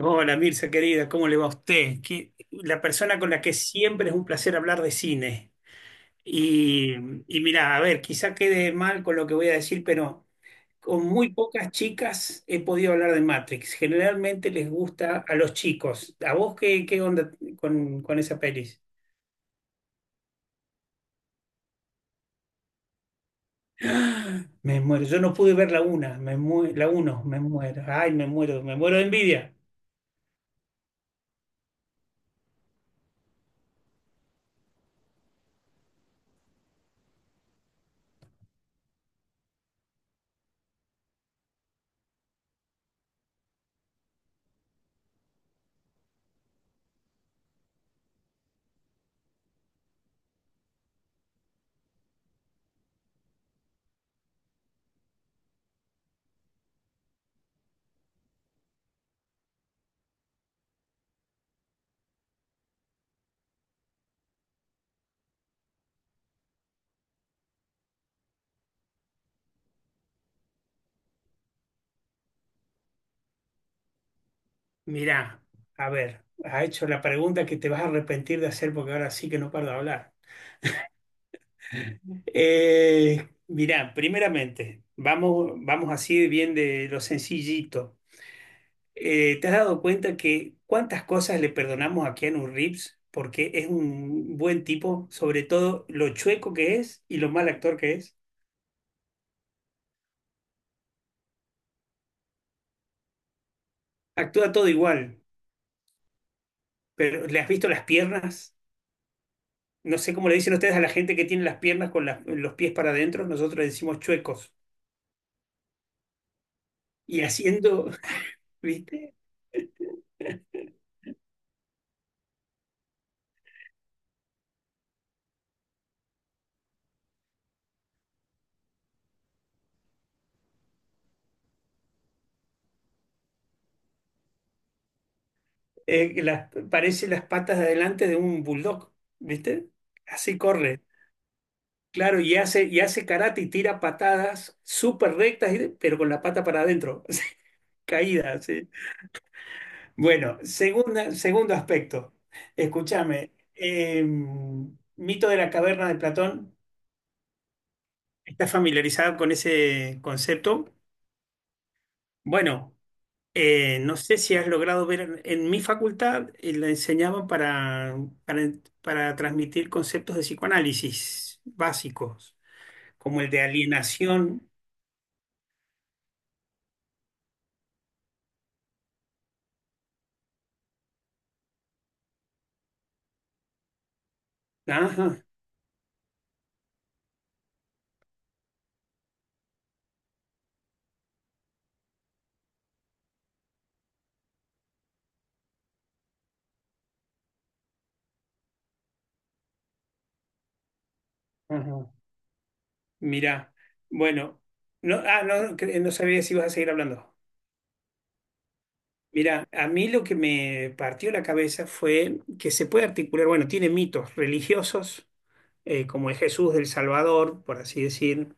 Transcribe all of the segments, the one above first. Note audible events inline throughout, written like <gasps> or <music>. Hola Mirza, querida, ¿cómo le va a usted? La persona con la que siempre es un placer hablar de cine. Y, y mira, a ver, quizá quede mal con lo que voy a decir, pero con muy pocas chicas he podido hablar de Matrix. Generalmente les gusta a los chicos. ¿A vos qué, qué onda con esa pelis? ¡Ah! <gasps> Me muero, yo no pude ver la una, la uno, me muero. Ay, me muero de envidia. Mirá, a ver, ha hecho la pregunta que te vas a arrepentir de hacer porque ahora sí que no paro de hablar. Primeramente, vamos, vamos así bien de lo sencillito. ¿Te has dado cuenta que cuántas cosas le perdonamos a Keanu Reeves? Porque es un buen tipo, sobre todo lo chueco que es y lo mal actor que es. Actúa todo igual, pero ¿le has visto las piernas? No sé cómo le dicen ustedes a la gente que tiene las piernas con los pies para adentro, nosotros le decimos chuecos. Y haciendo, <laughs> ¿viste? Parece las patas de adelante de un bulldog, ¿viste? Así corre. Claro, y hace karate y tira patadas súper rectas, pero con la pata para adentro, <laughs> sí, caída, sí. Bueno, segundo aspecto. Escúchame, mito de la caverna de Platón. ¿Estás familiarizado con ese concepto? Bueno. No sé si has logrado ver, en mi facultad la enseñaban para, para transmitir conceptos de psicoanálisis básicos, como el de alienación. Ajá, ajá. Mira, bueno, no sabía si ibas a seguir hablando. Mira, a mí lo que me partió la cabeza fue que se puede articular, bueno, tiene mitos religiosos, como el Jesús del Salvador, por así decir,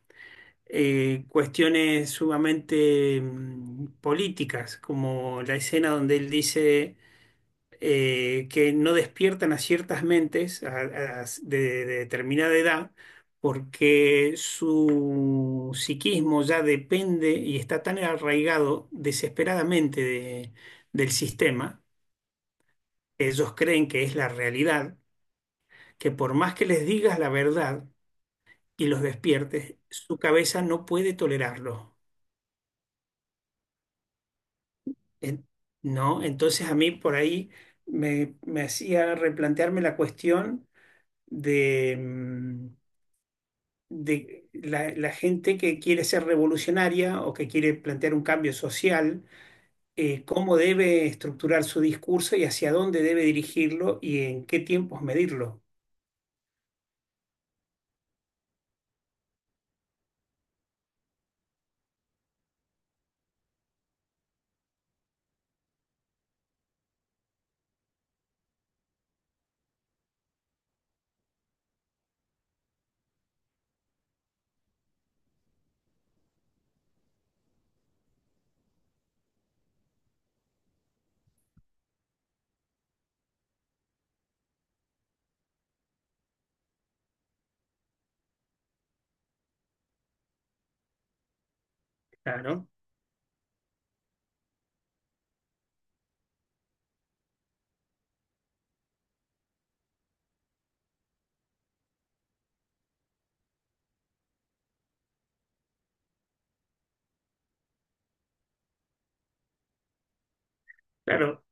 cuestiones sumamente políticas, como la escena donde él dice que no despiertan a ciertas mentes de determinada edad porque su psiquismo ya depende y está tan arraigado desesperadamente del sistema, ellos creen que es la realidad, que por más que les digas la verdad y los despiertes, su cabeza no puede tolerarlo. En- ¿No? Entonces a mí por ahí me hacía replantearme la cuestión de, de la, la gente que quiere ser revolucionaria o que quiere plantear un cambio social, cómo debe estructurar su discurso y hacia dónde debe dirigirlo y en qué tiempos medirlo. Claro, claro.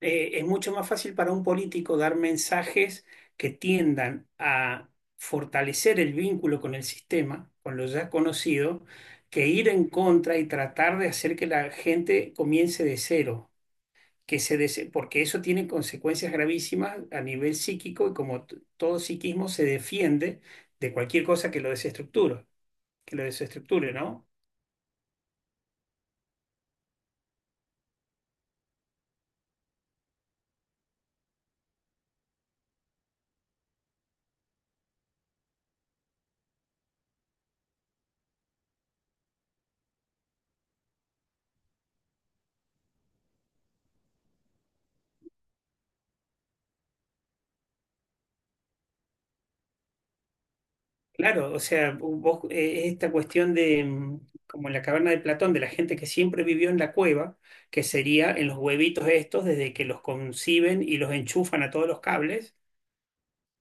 Eh, es mucho más fácil para un político dar mensajes que tiendan a fortalecer el vínculo con el sistema, con lo ya conocido, que ir en contra y tratar de hacer que la gente comience de cero, porque eso tiene consecuencias gravísimas a nivel psíquico y como todo psiquismo se defiende de cualquier cosa que lo desestructure, ¿no? Claro, o sea, vos, esta cuestión de, como en la caverna de Platón, de la gente que siempre vivió en la cueva, que sería en los huevitos estos, desde que los conciben y los enchufan a todos los cables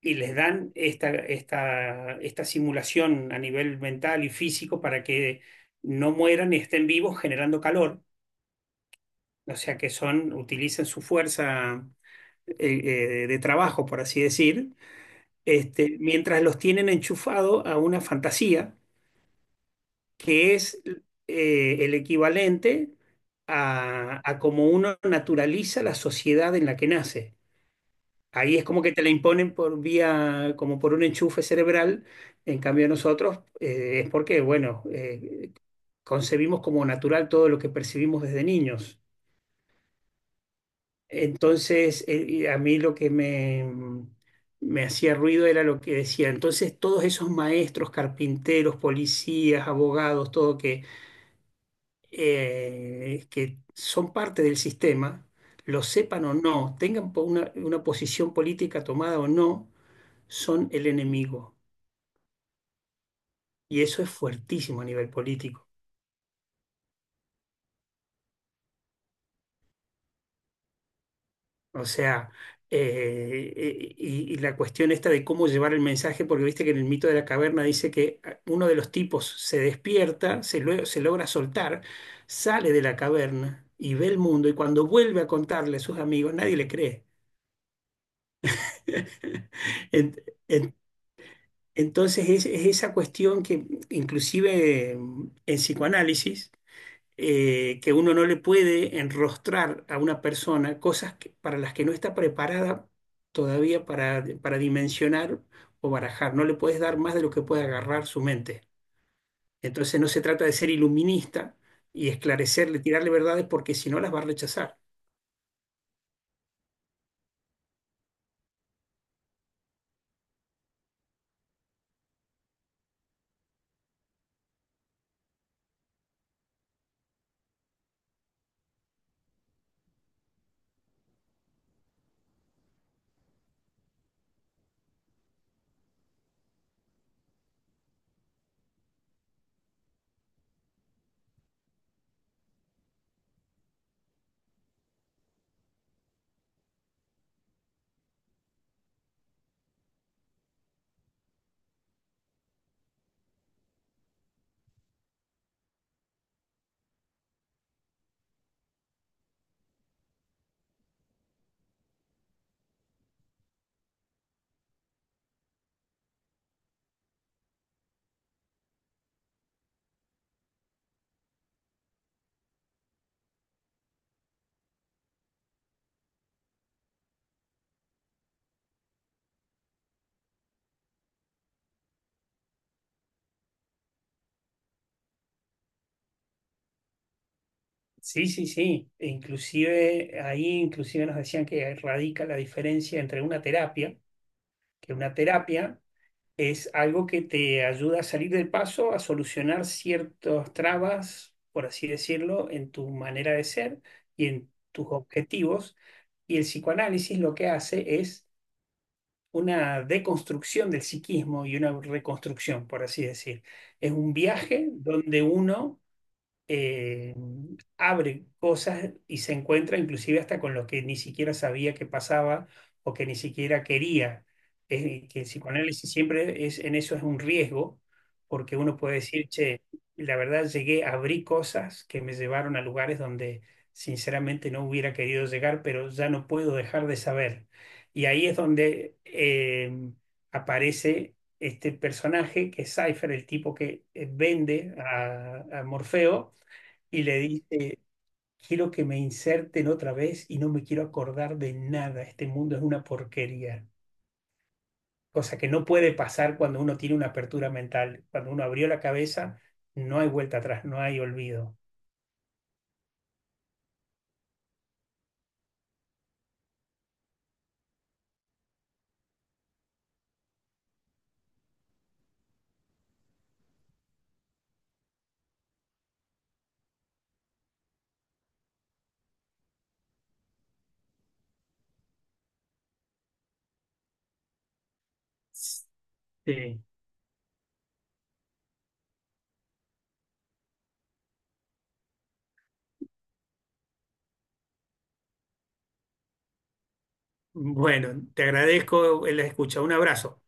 y les dan esta simulación a nivel mental y físico para que no mueran y estén vivos generando calor. O sea, que son, utilizan su fuerza eh, de trabajo, por así decir, este, mientras los tienen enchufado a una fantasía que es el equivalente a como uno naturaliza la sociedad en la que nace. Ahí es como que te la imponen por vía, como por un enchufe cerebral. En cambio, nosotros es porque, bueno, concebimos como natural todo lo que percibimos desde niños. Entonces, a mí lo que me hacía ruido era lo que decía. Entonces, todos esos maestros, carpinteros, policías, abogados, todo que son parte del sistema, lo sepan o no, una posición política tomada o no, son el enemigo. Y eso es fuertísimo a nivel político. O sea, y la cuestión esta de cómo llevar el mensaje, porque viste que en el mito de la caverna dice que uno de los tipos se despierta, se logra soltar, sale de la caverna y ve el mundo, y cuando vuelve a contarle a sus amigos, nadie le cree. <laughs> En- en- Entonces es esa cuestión que inclusive en psicoanálisis, que uno no le puede enrostrar a una persona para las que no está preparada todavía para dimensionar o barajar. No le puedes dar más de lo que puede agarrar su mente. Entonces no se trata de ser iluminista y esclarecerle, tirarle verdades, porque si no las va a rechazar. Sí, sí, sí. Inclusive ahí inclusive nos decían que radica la diferencia entre una terapia que una terapia es algo que te ayuda a salir del paso, a solucionar ciertas trabas, por así decirlo, en tu manera de ser y en tus objetivos. Y el psicoanálisis lo que hace es una deconstrucción del psiquismo y una reconstrucción, por así decir. Es un viaje donde uno eh, abre cosas y se encuentra inclusive hasta con lo que ni siquiera sabía que pasaba o que ni siquiera quería. Es que el psicoanálisis siempre es, en eso es un riesgo, porque uno puede decir, che, la verdad llegué, abrí cosas que me llevaron a lugares donde sinceramente no hubiera querido llegar, pero ya no puedo dejar de saber. Y ahí es donde aparece este personaje que es Cypher, el tipo que vende a Morfeo y le dice, quiero que me inserten otra vez y no me quiero acordar de nada, este mundo es una porquería, cosa que no puede pasar cuando uno tiene una apertura mental, cuando uno abrió la cabeza, no hay vuelta atrás, no hay olvido. Sí. Bueno, te agradezco la escucha. Un abrazo.